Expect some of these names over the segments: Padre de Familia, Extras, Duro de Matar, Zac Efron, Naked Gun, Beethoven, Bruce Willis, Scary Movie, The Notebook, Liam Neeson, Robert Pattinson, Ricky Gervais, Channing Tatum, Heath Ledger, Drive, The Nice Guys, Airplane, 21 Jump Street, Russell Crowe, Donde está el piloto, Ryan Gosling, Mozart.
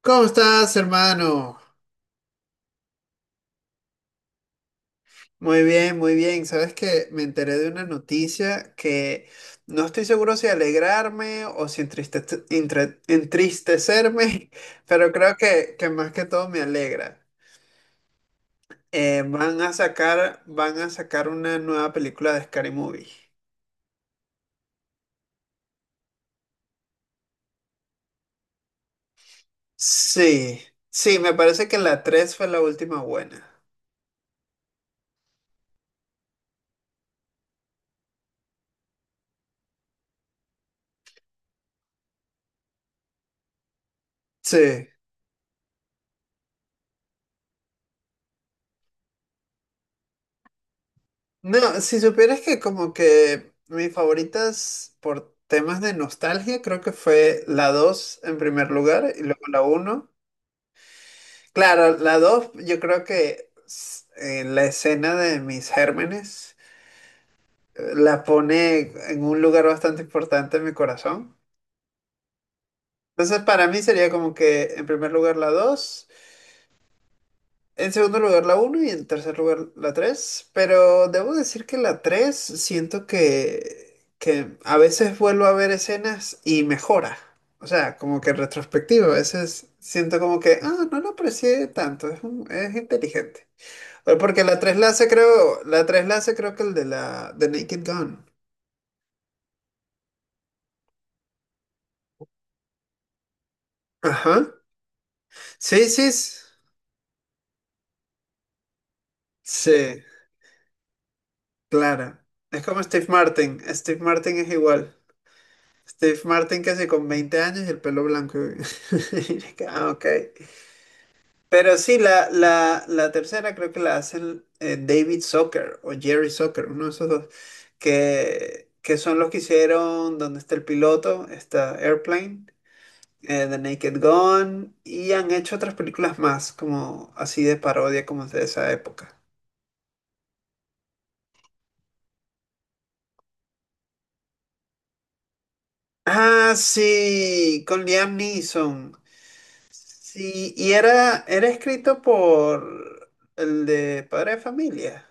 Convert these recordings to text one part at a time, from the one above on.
¿Cómo estás, hermano? Muy bien, muy bien. Sabes que me enteré de una noticia que no estoy seguro si alegrarme o si entristecerme, pero creo que más que todo me alegra. Van a sacar una nueva película de Scary Movie. Sí, sí, me parece que la 3 fue la última buena. Sí. No, si supieras que como que mis favoritas por temas de nostalgia, creo que fue la 2 en primer lugar y luego la uno. Claro, la 2 yo creo en la escena de mis gérmenes la pone en un lugar bastante importante en mi corazón. Entonces para mí sería como que en primer lugar la dos. En segundo lugar la uno y en tercer lugar la 3, pero debo decir que la 3 siento que a veces vuelvo a ver escenas y mejora. O sea, como que en retrospectiva, a veces siento como que, ah, no lo aprecié tanto, es, es inteligente. O Porque la 3 la hace creo que el de la de Naked Gun. Ajá. Sí, sí, s- sí, claro. Es como Steve Martin, Steve Martin es igual. Steve Martin casi con 20 años y el pelo blanco, güey. Ah, ok. Pero sí, la tercera creo que la hacen David Zucker o Jerry Zucker, uno de esos dos, que son los que hicieron Donde está el piloto? Está Airplane, The Naked Gun, y han hecho otras películas más, como así de parodia, como de esa época. Ah, sí, con Liam Neeson. Sí, y era escrito por el de Padre de Familia.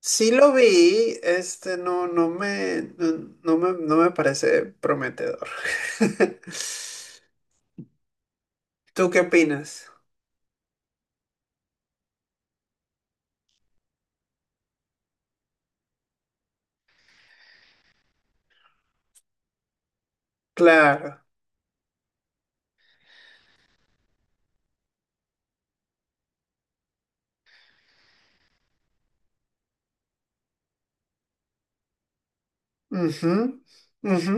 Sí lo vi, este no me parece prometedor. ¿Tú qué opinas? Claro. Ujú, ujú.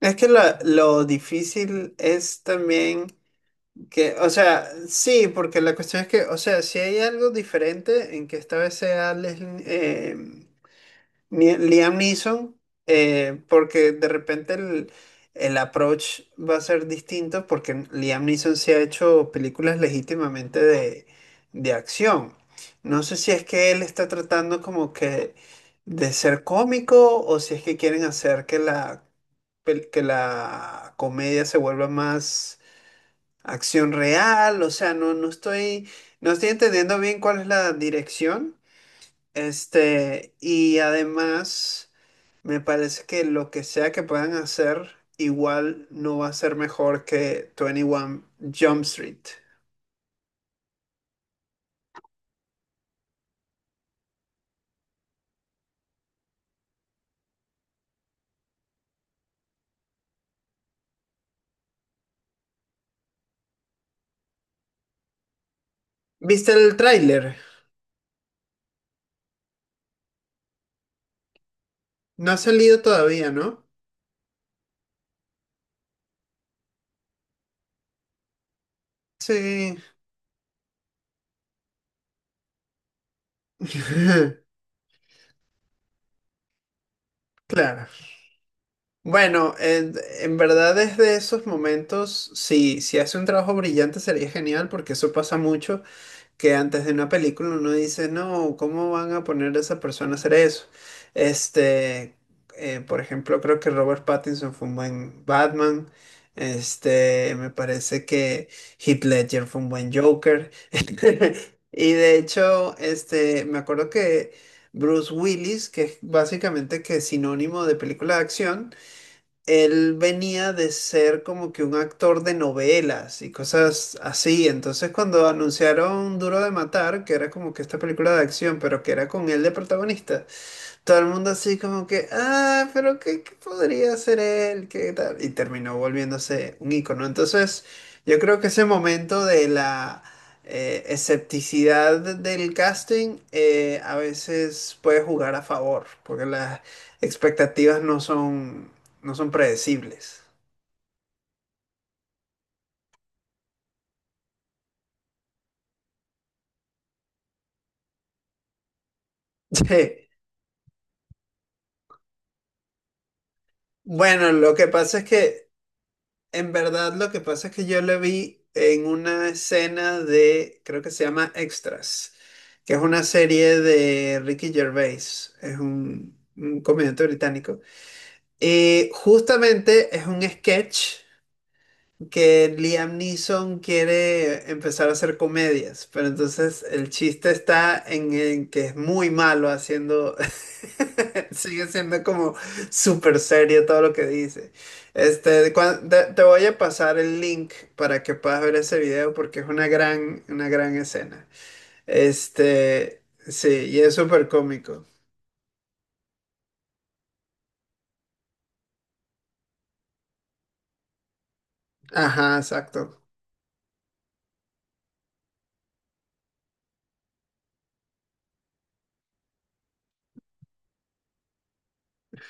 Es que lo difícil es también que, o sea, sí, porque la cuestión es que, o sea, si hay algo diferente en que esta vez sea Leslie, em, Liam Neeson, porque de repente el approach va a ser distinto, porque Liam Neeson se ha hecho películas legítimamente de acción. No sé si es que él está tratando como que de ser cómico o si es que quieren hacer que que la comedia se vuelva más acción real. O sea, no estoy entendiendo bien cuál es la dirección. Este, y además, me parece que lo que sea que puedan hacer, igual no va a ser mejor que 21 Jump Street. ¿Viste el tráiler? No ha salido todavía, ¿no? Sí. Claro. Bueno, en verdad desde esos momentos, si hace un trabajo brillante sería genial porque eso pasa mucho. Que antes de una película uno dice, no, ¿cómo van a poner a esa persona a hacer eso? Este, por ejemplo, creo que Robert Pattinson fue un buen Batman. Este, me parece que Heath Ledger fue un buen Joker. Y de hecho, este, me acuerdo que Bruce Willis, que es básicamente que es sinónimo de película de acción, él venía de ser como que un actor de novelas y cosas así. Entonces cuando anunciaron Duro de Matar, que era como que esta película de acción, pero que era con él de protagonista, todo el mundo así como que, ah, pero ¿qué podría ser él? ¿Qué tal? Y terminó volviéndose un ícono. Entonces, yo creo que ese momento de la escepticidad del casting a veces puede jugar a favor, porque las expectativas no son, no son predecibles. Sí. Bueno, lo que pasa es que En verdad, lo que pasa es que yo la vi en una escena de, creo que se llama Extras, que es una serie de Ricky Gervais, es un comediante británico. Y justamente es un sketch que Liam Neeson quiere empezar a hacer comedias, pero entonces el chiste está en que es muy malo haciendo, sigue siendo como súper serio todo lo que dice. Este, te voy a pasar el link para que puedas ver ese video porque es una gran escena. Este, sí, y es súper cómico. Ajá, exacto.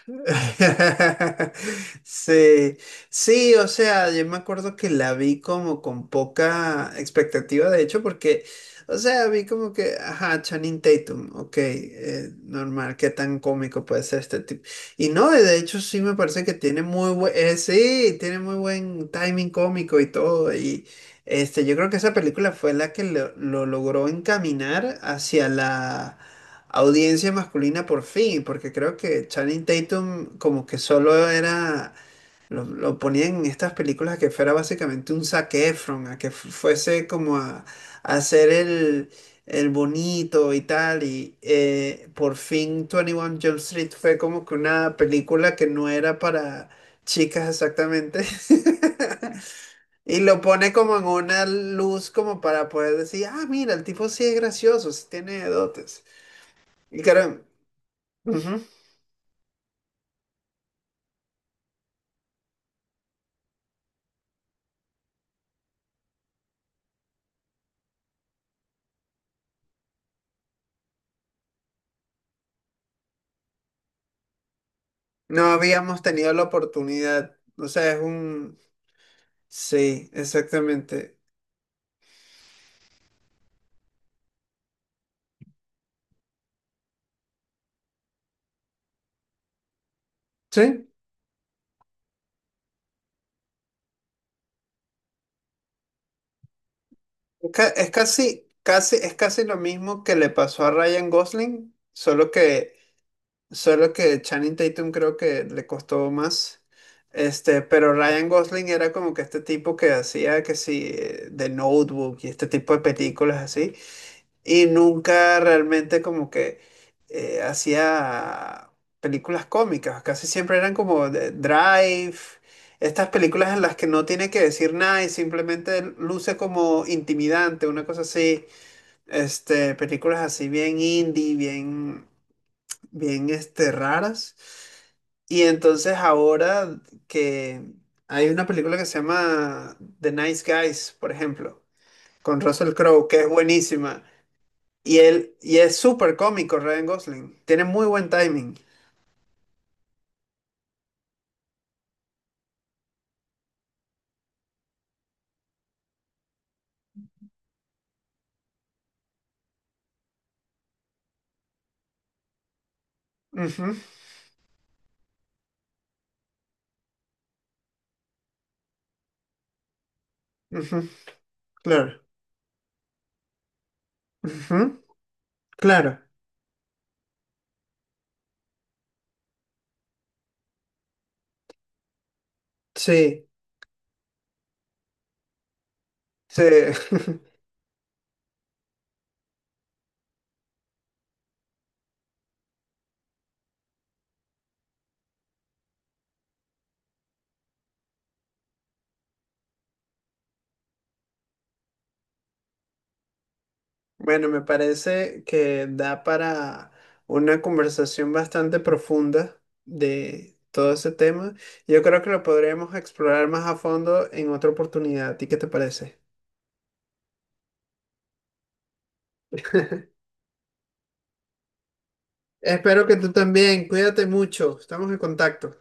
Sí, sí, o sea, yo me acuerdo que la vi como con poca expectativa, de hecho, porque, o sea, vi como que, ajá, Channing Tatum, ok, normal, qué tan cómico puede ser este tipo. Y no, de hecho, sí me parece que tiene muy buen, sí, tiene muy buen timing cómico y todo, y este, yo creo que esa película fue la que lo logró encaminar hacia la audiencia masculina por fin, porque creo que Channing Tatum como que solo era, lo ponían en estas películas que fuera básicamente un Zac Efron, a que fuese como a hacer el bonito y tal, y por fin 21 Jump Street fue como que una película que no era para chicas exactamente. Y lo pone como en una luz como para poder decir, ah, mira, el tipo sí es gracioso, sí tiene dotes. Y claro, ujú. No habíamos tenido la oportunidad. O sea, es un... Sí, exactamente. Sí, es, ca- es casi, casi, es casi lo mismo que le pasó a Ryan Gosling, solo que Channing Tatum creo que le costó más. Este, pero Ryan Gosling era como que este tipo que hacía que sí, The Notebook y este tipo de películas así. Y nunca realmente como que hacía películas cómicas, casi siempre eran Drive, estas películas en las que no tiene que decir nada y simplemente luce como intimidante, una cosa así, este, películas así bien indie, bien este, raras. Y entonces ahora que hay una película que se llama The Nice Guys, por ejemplo, con Russell Crowe, que es buenísima. Y él, y es súper cómico Ryan Gosling. Tiene muy buen timing. Ujú, ujú, claro. Ujú, claro. Sí, sí. Bueno, me parece que da para una conversación bastante profunda de todo ese tema. Yo creo que lo podríamos explorar más a fondo en otra oportunidad. ¿A ti qué te parece? Espero que tú también. Cuídate mucho. Estamos en contacto.